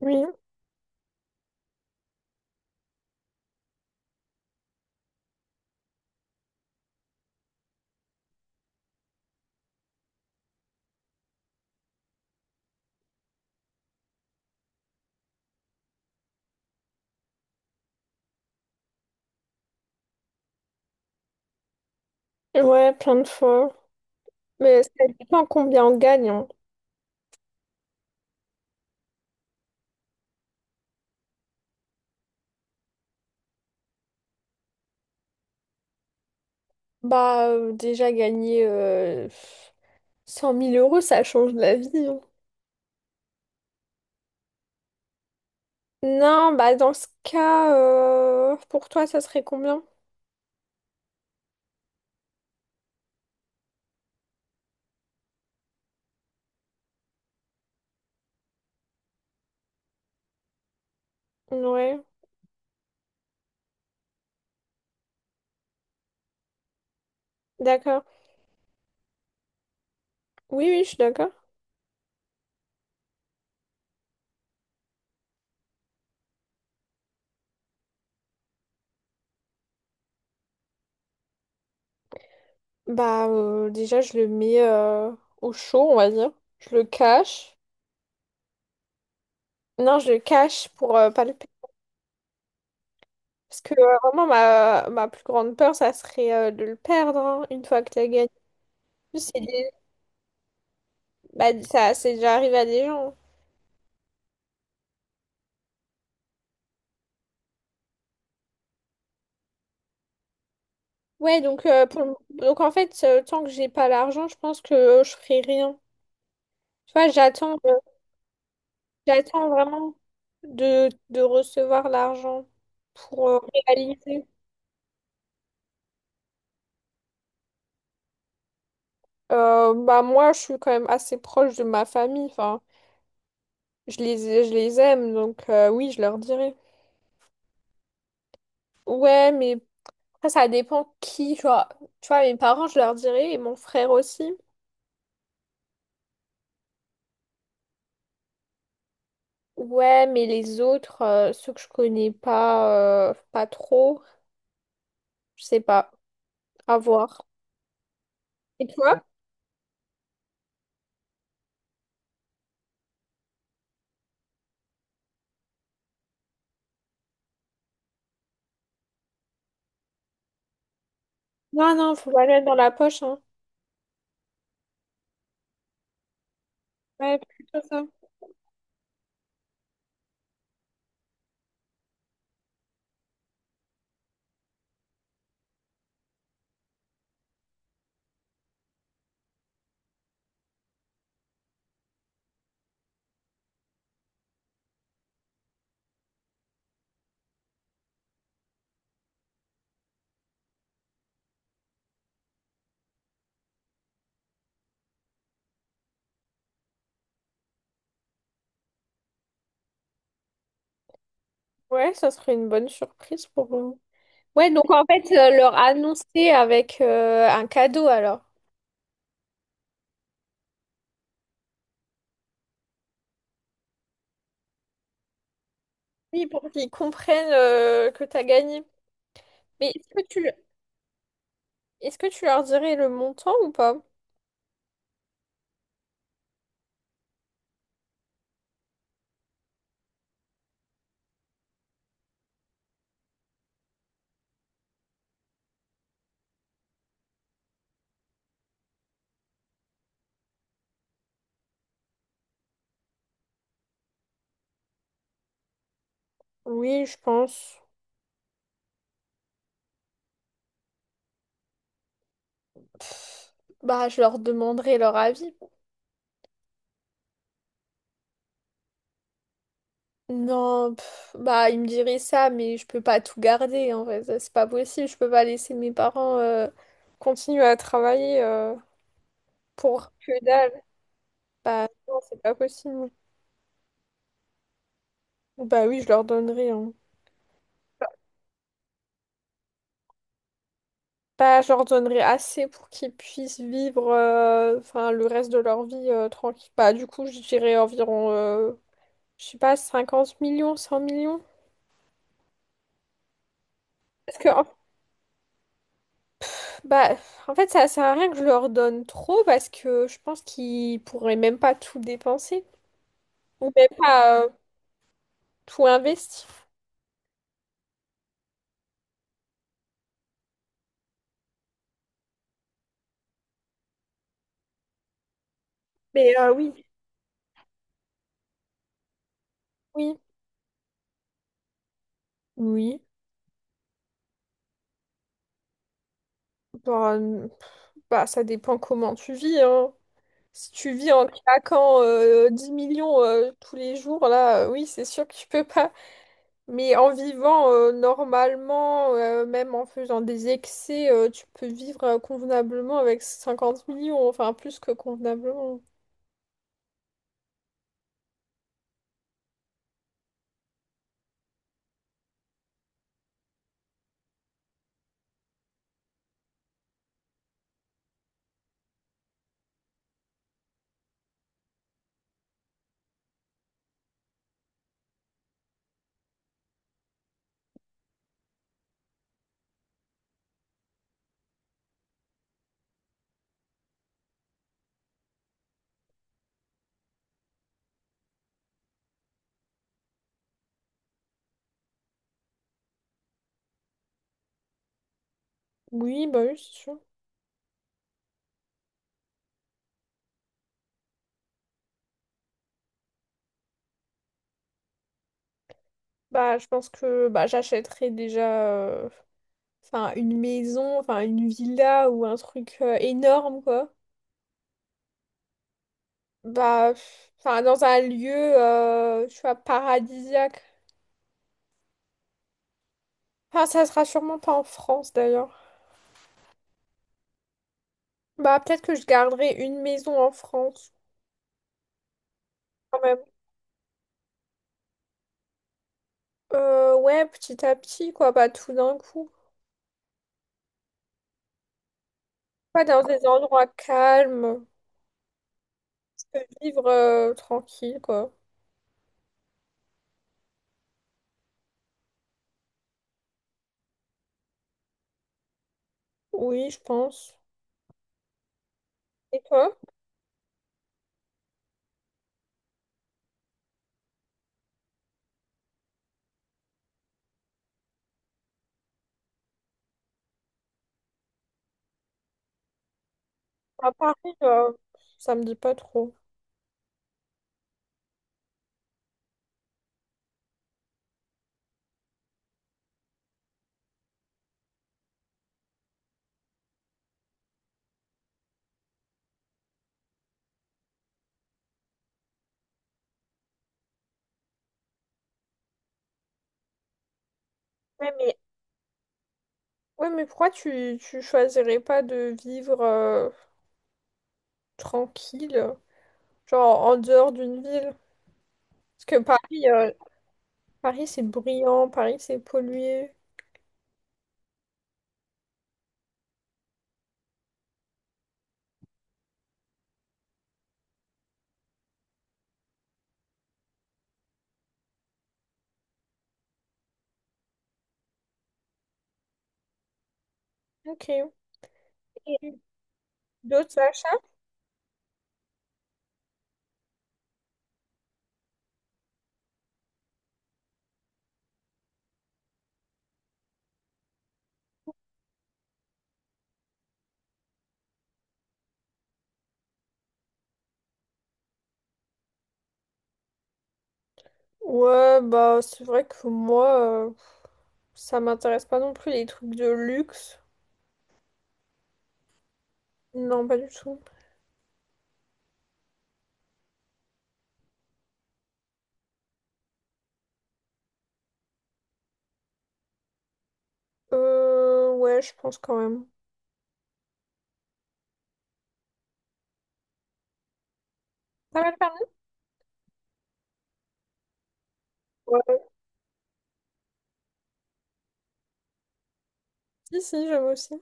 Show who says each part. Speaker 1: Oui, ouais, plein de fois. Mais ça dépend combien on gagne, hein. Bah, déjà gagner 100000 euros, ça change la vie, hein. Non, bah dans ce cas, pour toi, ça serait combien? Ouais, d'accord. Oui, oui, je suis d'accord. Bah, déjà, je le mets au chaud, on va dire. Je le cache. Non, je le cache pour pas le perdre. Parce que vraiment, ma plus grande peur, ça serait de le perdre, hein, une fois que tu as gagné. C'est des Bah, ça, c'est déjà arrivé à des gens. Ouais, donc, donc en fait, tant que j'ai pas l'argent, je pense que je ferai rien. Tu vois, j'attends vraiment de recevoir l'argent pour réaliser. Bah, moi, je suis quand même assez proche de ma famille. Enfin, je les, je les aime, donc oui, je leur dirai. Ouais, mais après, ça dépend qui. Tu vois, mes parents, je leur dirai, et mon frère aussi. Ouais, mais les autres, ceux que je connais pas, pas trop. Je sais pas. À voir. Et toi? Non, non, faut pas le mettre dans la poche, hein. Ouais, plutôt ça. Ouais, ça serait une bonne surprise pour eux. Ouais, donc en fait, leur annoncer avec un cadeau alors. Oui, pour qu'ils comprennent que t'as gagné. Mais est-ce que tu, est-ce que tu leur dirais le montant ou pas? Oui, je pense. Pff, bah, je leur demanderai leur avis. Non, pff, bah il me dirait ça, mais je peux pas tout garder en vrai, ça, c'est pas possible, je peux pas laisser mes parents continuer à travailler pour que dalle. Bah non, c'est pas possible. Bah oui, je leur donnerai, hein. Bah je leur donnerai assez pour qu'ils puissent vivre enfin le reste de leur vie tranquille. Bah du coup, je dirais environ je sais pas, 50 millions, 100 millions. Parce que, hop, bah, en fait, ça sert à rien que je leur donne trop parce que je pense qu'ils pourraient même pas tout dépenser. On n'est pas tout investi. Mais oui, oui. Oui. Bah, n- bah, ça dépend comment tu vis, hein. Si tu vis en claquant 10 millions tous les jours, là, oui, c'est sûr que tu peux pas. Mais en vivant normalement, même en faisant des excès, tu peux vivre convenablement avec 50 millions, enfin plus que convenablement. Oui, bah oui, c'est sûr. Bah, je pense que bah, j'achèterais déjà. euh, Enfin, une maison, enfin, une villa ou un truc énorme, quoi. Bah, pff, enfin, dans un lieu, tu vois, paradisiaque. Enfin, ça sera sûrement pas en France, d'ailleurs. Bah, peut-être que je garderai une maison en France, quand même. Ouais, petit à petit, quoi, pas tout d'un coup. Pas dans des endroits calmes. Je peux vivre tranquille, quoi. Oui, je pense. Et toi? À Paris, euh, ça me dit pas trop. Ouais, mais ouais, mais pourquoi tu choisirais pas de vivre tranquille, genre en dehors d'une ville? Parce que Paris, Paris c'est bruyant, Paris c'est pollué. Ok. Et d'autres achats? Ouais, bah c'est vrai que moi, ça m'intéresse pas non plus les trucs de luxe. Non, pas du tout. Ouais, je pense quand même. T'as pas le permis? Ouais, si, si, j'aime aussi.